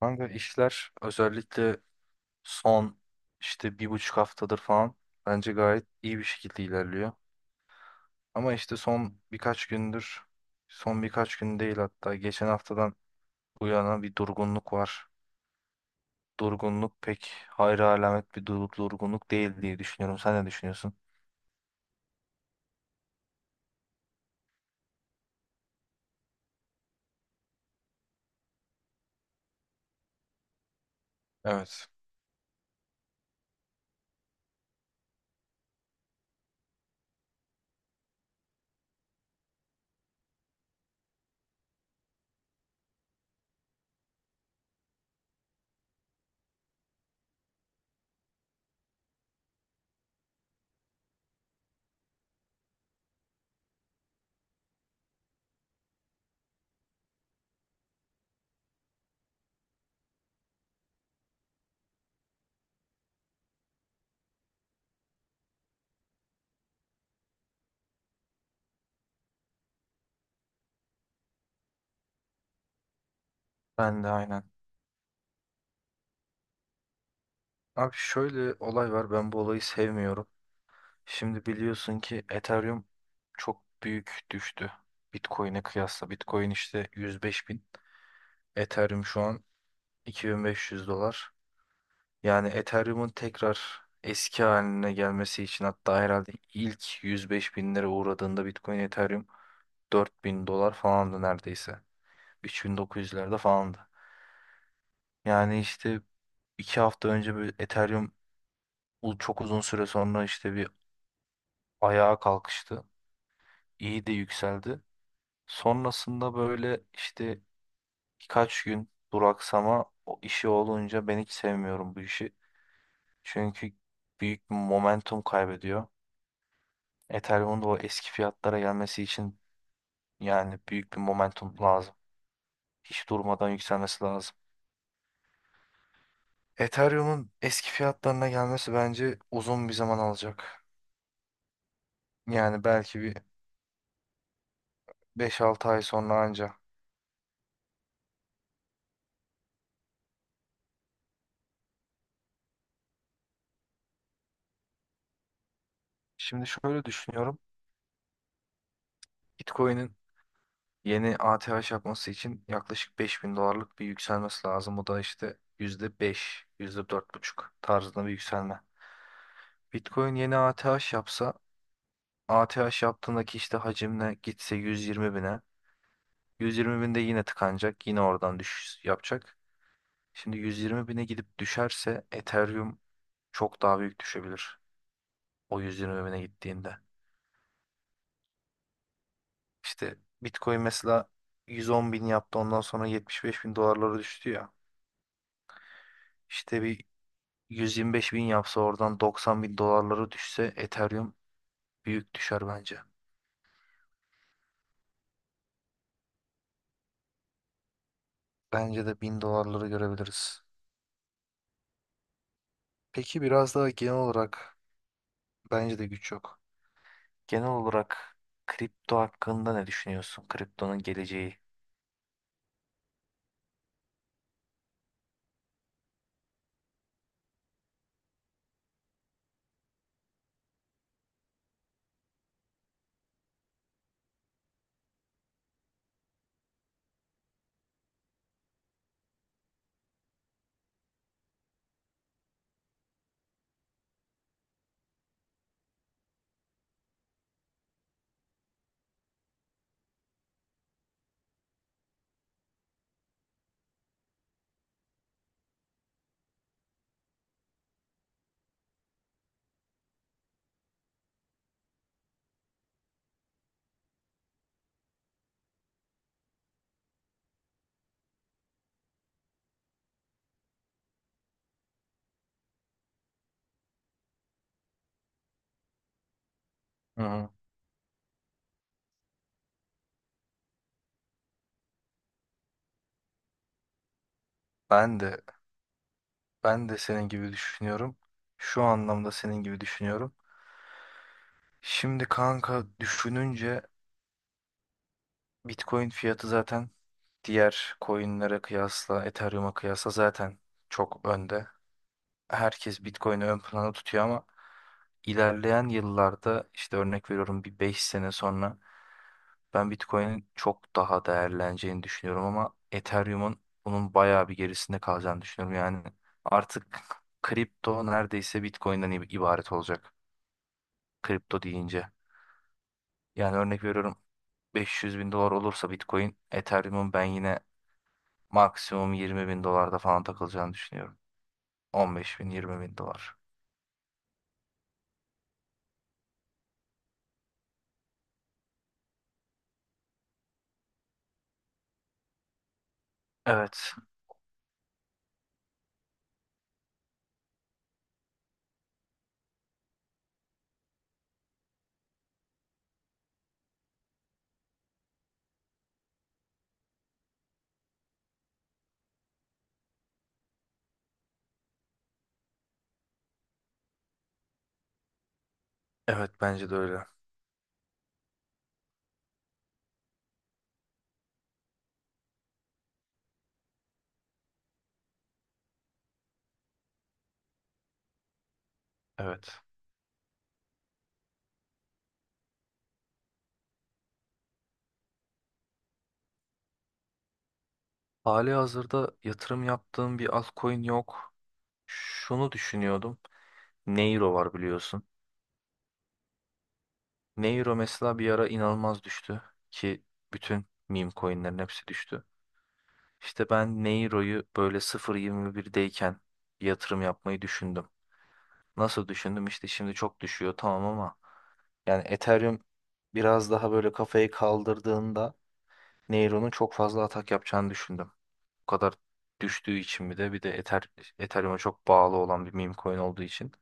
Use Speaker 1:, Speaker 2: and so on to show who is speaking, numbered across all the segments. Speaker 1: Kanka işler özellikle son işte bir buçuk haftadır falan bence gayet iyi bir şekilde ilerliyor. Ama işte son birkaç gündür, son birkaç gün değil hatta geçen haftadan bu yana bir durgunluk var. Durgunluk pek hayra alamet bir durgunluk değil diye düşünüyorum. Sen ne düşünüyorsun? Evet. Ben de aynen. Abi şöyle olay var. Ben bu olayı sevmiyorum. Şimdi biliyorsun ki Ethereum çok büyük düştü. Bitcoin'e kıyasla. Bitcoin işte 105.000. Ethereum şu an 2500 dolar. Yani Ethereum'un tekrar eski haline gelmesi için hatta herhalde ilk 105 bin lira uğradığında Bitcoin Ethereum 4000 dolar falandı neredeyse. 3900'lerde falandı. Yani işte 2 hafta önce bir Ethereum çok uzun süre sonra işte bir ayağa kalkıştı. İyi de yükseldi. Sonrasında böyle işte birkaç gün duraksama o işi olunca ben hiç sevmiyorum bu işi. Çünkü büyük bir momentum kaybediyor. Ethereum'un da o eski fiyatlara gelmesi için yani büyük bir momentum lazım. Hiç durmadan yükselmesi lazım. Ethereum'un eski fiyatlarına gelmesi bence uzun bir zaman alacak. Yani belki bir 5-6 ay sonra anca. Şimdi şöyle düşünüyorum. Bitcoin'in yeni ATH yapması için yaklaşık 5.000 dolarlık bir yükselmesi lazım. Bu da işte yüzde beş, yüzde dört buçuk tarzında bir yükselme. Bitcoin yeni ATH yapsa A T ATH yaptığındaki işte hacimle gitse 120 bine. 120 binde yine tıkanacak. Yine oradan düşüş yapacak. Şimdi 120 bine gidip düşerse Ethereum çok daha büyük düşebilir. O 120 bine gittiğinde. İşte Bitcoin mesela 110 bin yaptı ondan sonra 75 bin dolarlara düştü ya. İşte bir 125 bin yapsa oradan 90 bin dolarlara düşse Ethereum büyük düşer bence. Bence de 1000 dolarları görebiliriz. Peki biraz daha genel olarak. Bence de güç yok. Genel olarak kripto hakkında ne düşünüyorsun? Kriptonun geleceği. Hı hı. Ben de ben de senin gibi düşünüyorum. Şu anlamda senin gibi düşünüyorum. Şimdi kanka düşününce Bitcoin fiyatı zaten diğer coinlere kıyasla, Ethereum'a kıyasla zaten çok önde. Herkes Bitcoin'i ön plana tutuyor ama ilerleyen yıllarda işte örnek veriyorum bir 5 sene sonra ben Bitcoin'in çok daha değerleneceğini düşünüyorum ama Ethereum'un bunun bayağı bir gerisinde kalacağını düşünüyorum. Yani artık kripto neredeyse Bitcoin'den ibaret olacak. Kripto deyince. Yani örnek veriyorum 500 bin dolar olursa Bitcoin, Ethereum'un ben yine maksimum 20 bin dolarda falan takılacağını düşünüyorum. 15 bin, 20 bin dolar. Evet, evet bence de öyle. Evet. Hali hazırda yatırım yaptığım bir altcoin yok. Şunu düşünüyordum. Neiro var biliyorsun. Neuro mesela bir ara inanılmaz düştü ki bütün meme coinlerin hepsi düştü. İşte ben Neuro'yu böyle sıfır virgül yirmi birdeyken yatırım yapmayı düşündüm. Nasıl düşündüm? İşte şimdi çok düşüyor tamam ama yani Ethereum biraz daha böyle kafayı kaldırdığında Neuro'nun çok fazla atak yapacağını düşündüm. Bu kadar düştüğü için bir de Ethereum'a çok bağlı olan bir meme coin olduğu için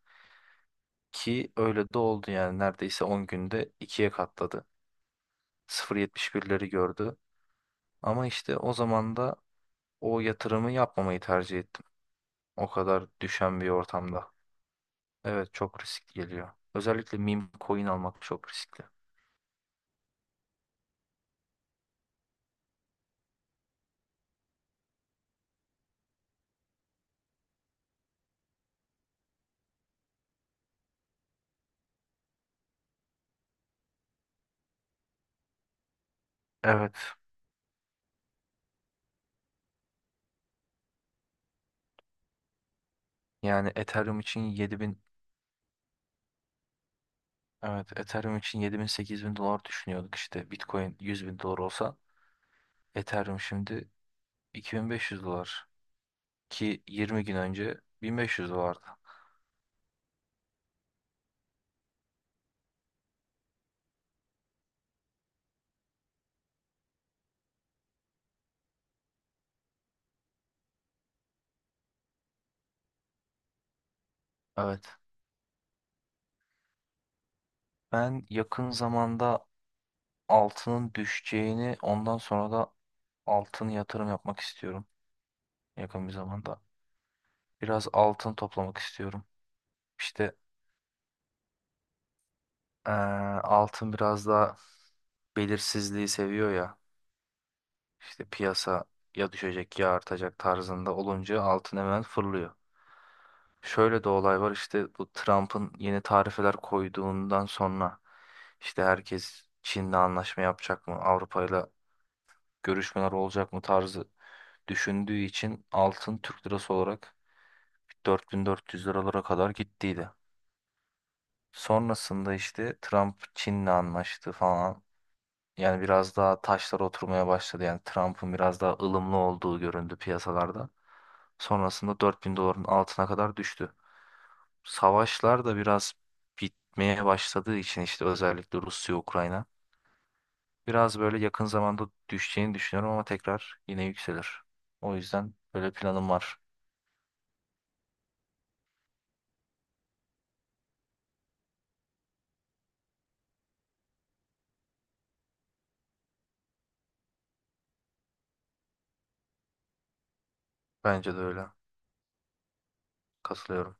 Speaker 1: ki öyle de oldu yani neredeyse 10 günde ikiye katladı. Sıfır virgül yetmiş birleri gördü. Ama işte o zaman da o yatırımı yapmamayı tercih ettim. O kadar düşen bir ortamda. Evet çok risk geliyor. Özellikle meme coin almak çok riskli. Evet. Yani Ethereum için 7000. Evet, Ethereum için 7000 8000 dolar düşünüyorduk işte. Bitcoin 100 bin dolar olsa Ethereum şimdi 2500 dolar ki 20 gün önce 1500 dolardı. Evet. Ben yakın zamanda altının düşeceğini ondan sonra da altın yatırım yapmak istiyorum, yakın bir zamanda. Biraz altın toplamak istiyorum. İşte eee, altın biraz daha belirsizliği seviyor ya. İşte piyasa ya düşecek ya artacak tarzında olunca altın hemen fırlıyor. Şöyle de olay var işte bu Trump'ın yeni tarifeler koyduğundan sonra işte herkes Çin'le anlaşma yapacak mı, Avrupa'yla görüşmeler olacak mı tarzı düşündüğü için altın Türk lirası olarak 4400 liralara kadar gittiydi. Sonrasında işte Trump Çin'le anlaştı falan. Yani biraz daha taşlar oturmaya başladı. Yani Trump'ın biraz daha ılımlı olduğu göründü piyasalarda. Sonrasında 4000 doların altına kadar düştü. Savaşlar da biraz bitmeye başladığı için işte özellikle Rusya-Ukrayna. Biraz böyle yakın zamanda düşeceğini düşünüyorum ama tekrar yine yükselir. O yüzden böyle planım var. Bence de öyle. Katılıyorum.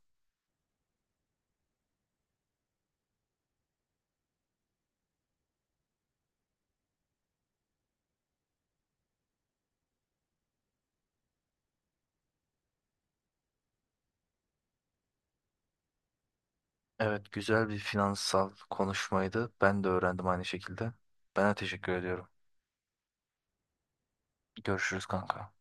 Speaker 1: Evet, güzel bir finansal konuşmaydı. Ben de öğrendim aynı şekilde. Ben de teşekkür ediyorum. Görüşürüz kanka.